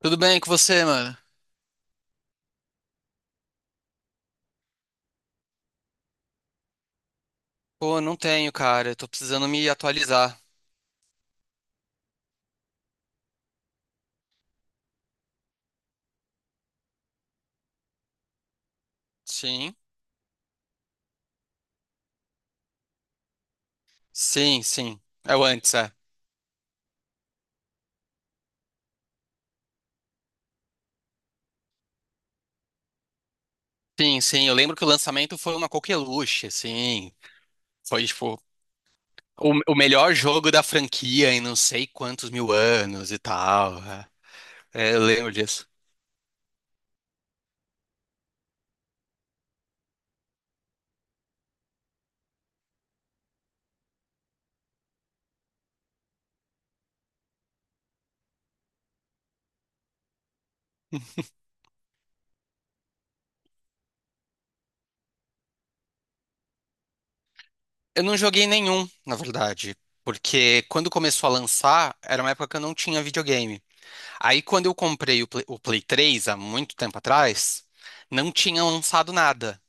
Tudo bem com você, mano? Pô, não tenho, cara. Eu tô precisando me atualizar. Sim. Sim, sim. É o antes, é. Sim, sim. Eu lembro que o lançamento foi uma coqueluche, sim. Foi, tipo, o melhor jogo da franquia em não sei quantos mil anos e tal. É, É, eu lembro disso. Eu não joguei nenhum, na verdade. Porque quando começou a lançar, era uma época que eu não tinha videogame. Aí, quando eu comprei o Play 3, há muito tempo atrás, não tinha lançado nada.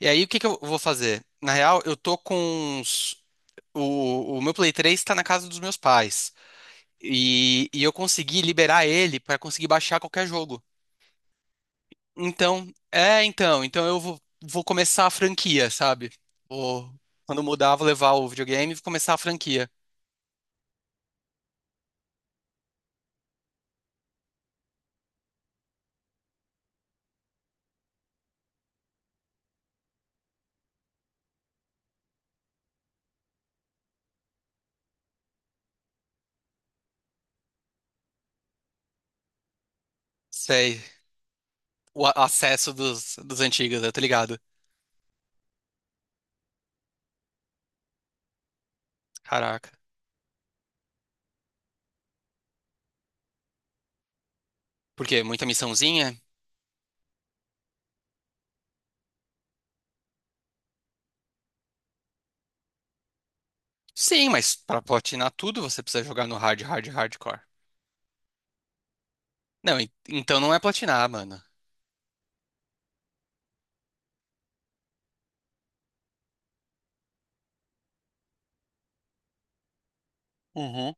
E aí, o que que eu vou fazer? Na real, eu tô com uns... O meu Play 3 tá na casa dos meus pais. E eu consegui liberar ele pra conseguir baixar qualquer jogo. Então, é, então. Então eu vou começar a franquia, sabe? Vou, quando mudar, vou levar o videogame e vou começar a franquia. Sei. O acesso dos antigos, eu tô ligado. Caraca. Por quê? Muita missãozinha? Sim, mas pra platinar tudo, você precisa jogar no hard, hard, hardcore. Não, então não é platinar, mano. Uhum.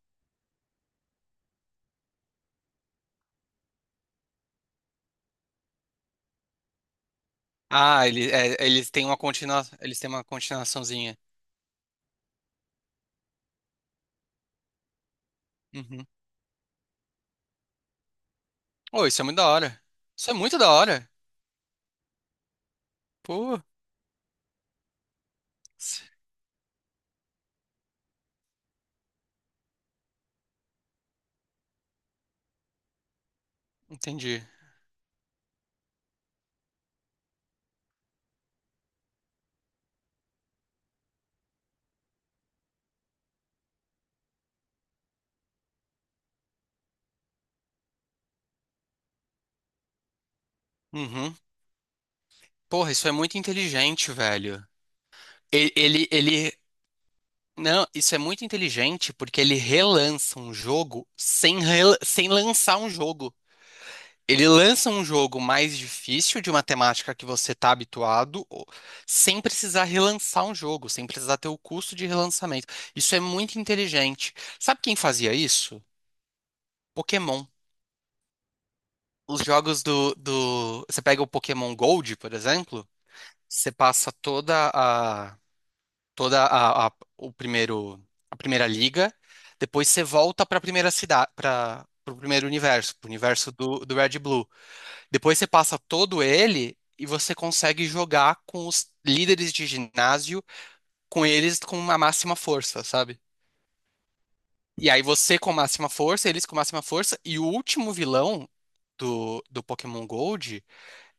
Ah, ele, é, eles têm uma continua, eles têm uma continuaçãozinha. Uhum. Oh, isso é muito da hora. Isso é muito da hora. Pô, entendi. Uhum. Porra, isso é muito inteligente, velho. Ele, ele, ele- Não, isso é muito inteligente porque ele relança um jogo sem, sem lançar um jogo. Ele lança um jogo mais difícil de uma temática que você está habituado, sem precisar relançar um jogo, sem precisar ter o custo de relançamento. Isso é muito inteligente. Sabe quem fazia isso? Pokémon. Os jogos do... Você pega o Pokémon Gold, por exemplo, você passa toda a... toda o primeiro, a primeira liga, depois você volta para a primeira cidade, para o primeiro universo, para o universo do Red e Blue. Depois você passa todo ele e você consegue jogar com os líderes de ginásio, com eles com a máxima força, sabe? E aí você com a máxima força, eles com a máxima força, e o último vilão do Pokémon Gold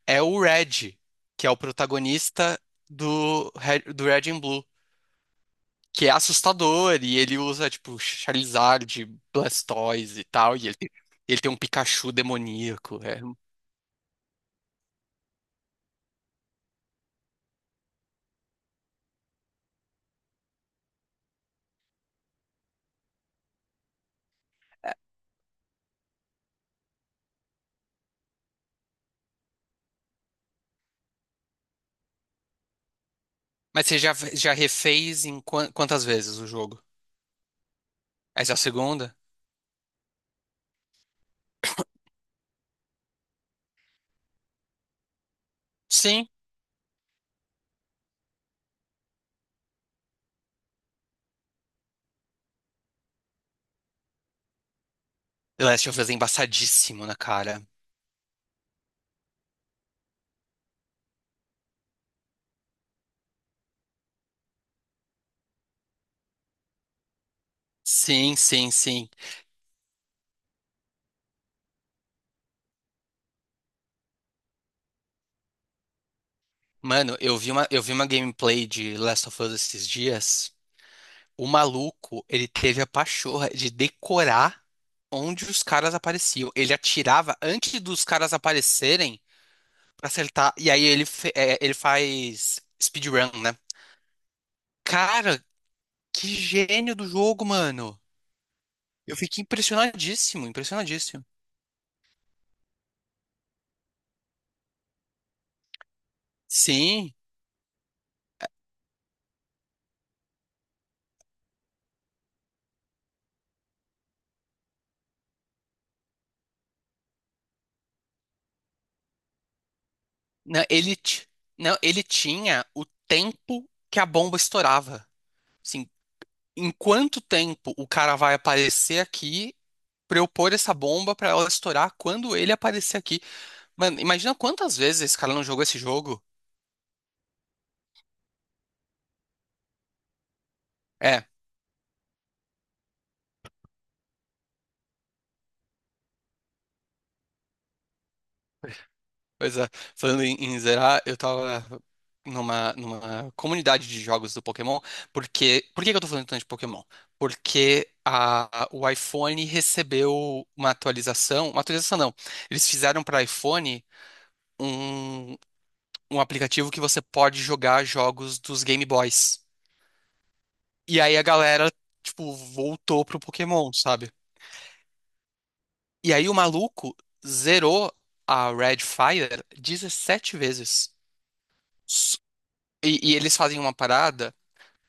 é o Red, que é o protagonista do Red and Blue. Que é assustador, e ele usa, tipo, Charizard, Blastoise e tal, e ele tem um Pikachu demoníaco. É. Mas você já refez em quantas vezes o jogo? Essa é a segunda? Sim. The Last of Us é embaçadíssimo na cara. Sim, sim, sim. Mano, eu vi uma gameplay de Last of Us esses dias. O maluco, ele teve a pachorra de decorar onde os caras apareciam. Ele atirava antes dos caras aparecerem pra acertar. E aí ele, ele faz speedrun, né? Cara, que gênio do jogo, mano. Eu fiquei impressionadíssimo, impressionadíssimo. Sim. Não, ele, ti- não, ele tinha o tempo que a bomba estourava. Assim, em quanto tempo o cara vai aparecer aqui pra eu pôr essa bomba pra ela estourar quando ele aparecer aqui? Mano, imagina quantas vezes esse cara não jogou esse jogo. É, pois é. Falando em zerar, eu tava numa comunidade de jogos do Pokémon. Porque, por que que eu tô falando tanto de Pokémon? Porque o iPhone recebeu uma atualização. Uma atualização não. Eles fizeram para iPhone um, um aplicativo que você pode jogar jogos dos Game Boys. E aí a galera, tipo, voltou pro Pokémon, sabe? E aí o maluco zerou a Red Fire 17 vezes. S- e eles fazem uma parada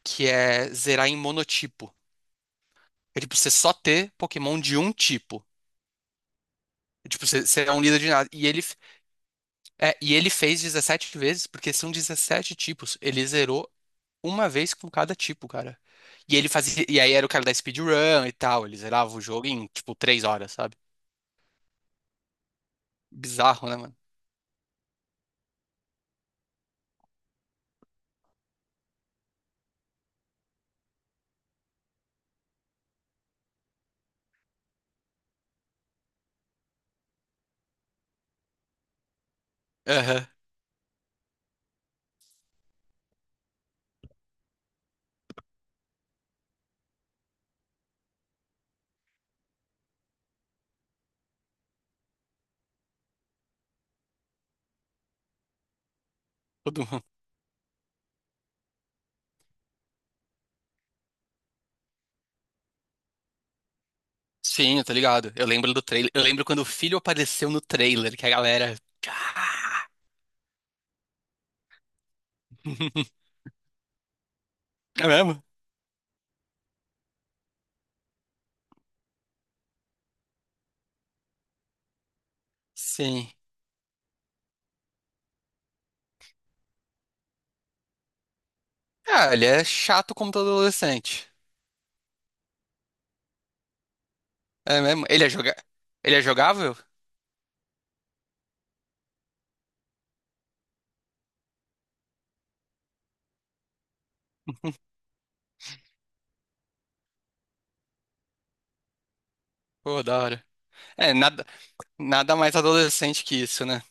que é zerar em monotipo. É tipo, você só ter Pokémon de um tipo. É tipo, você é um líder de nada. E ele, e ele fez 17 vezes, porque são 17 tipos. Ele zerou uma vez com cada tipo, cara. E ele fazia. E aí era o cara da speedrun e tal. Ele zerava o jogo em, tipo, 3 horas, sabe? Bizarro, né, mano? Aham. Todo mundo. Sim, tá ligado. Eu lembro do trailer. Eu lembro quando o filho apareceu no trailer, que a galera. "Ah!" É mesmo? Sim. Ah, ele é chato como todo adolescente. É mesmo? Ele é joga... Ele é jogável? Pô, da hora. É, nada mais adolescente que isso, né?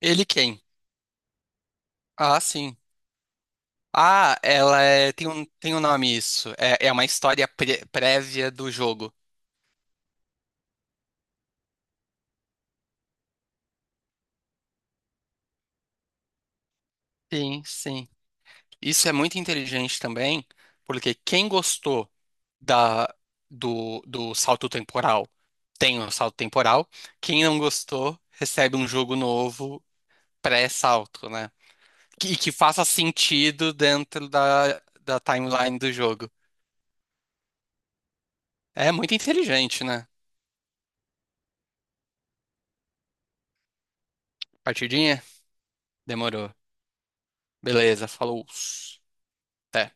Ele quem? Ah, sim. Ah, ela é, tem um nome isso. É, é uma história prévia do jogo. Sim, sim. Isso é muito inteligente também, porque quem gostou da, do salto temporal tem o salto temporal. Quem não gostou recebe um jogo novo pré-salto, né? E que faça sentido dentro da, da timeline do jogo. É muito inteligente, né? Partidinha? Demorou. Beleza, falou. Até.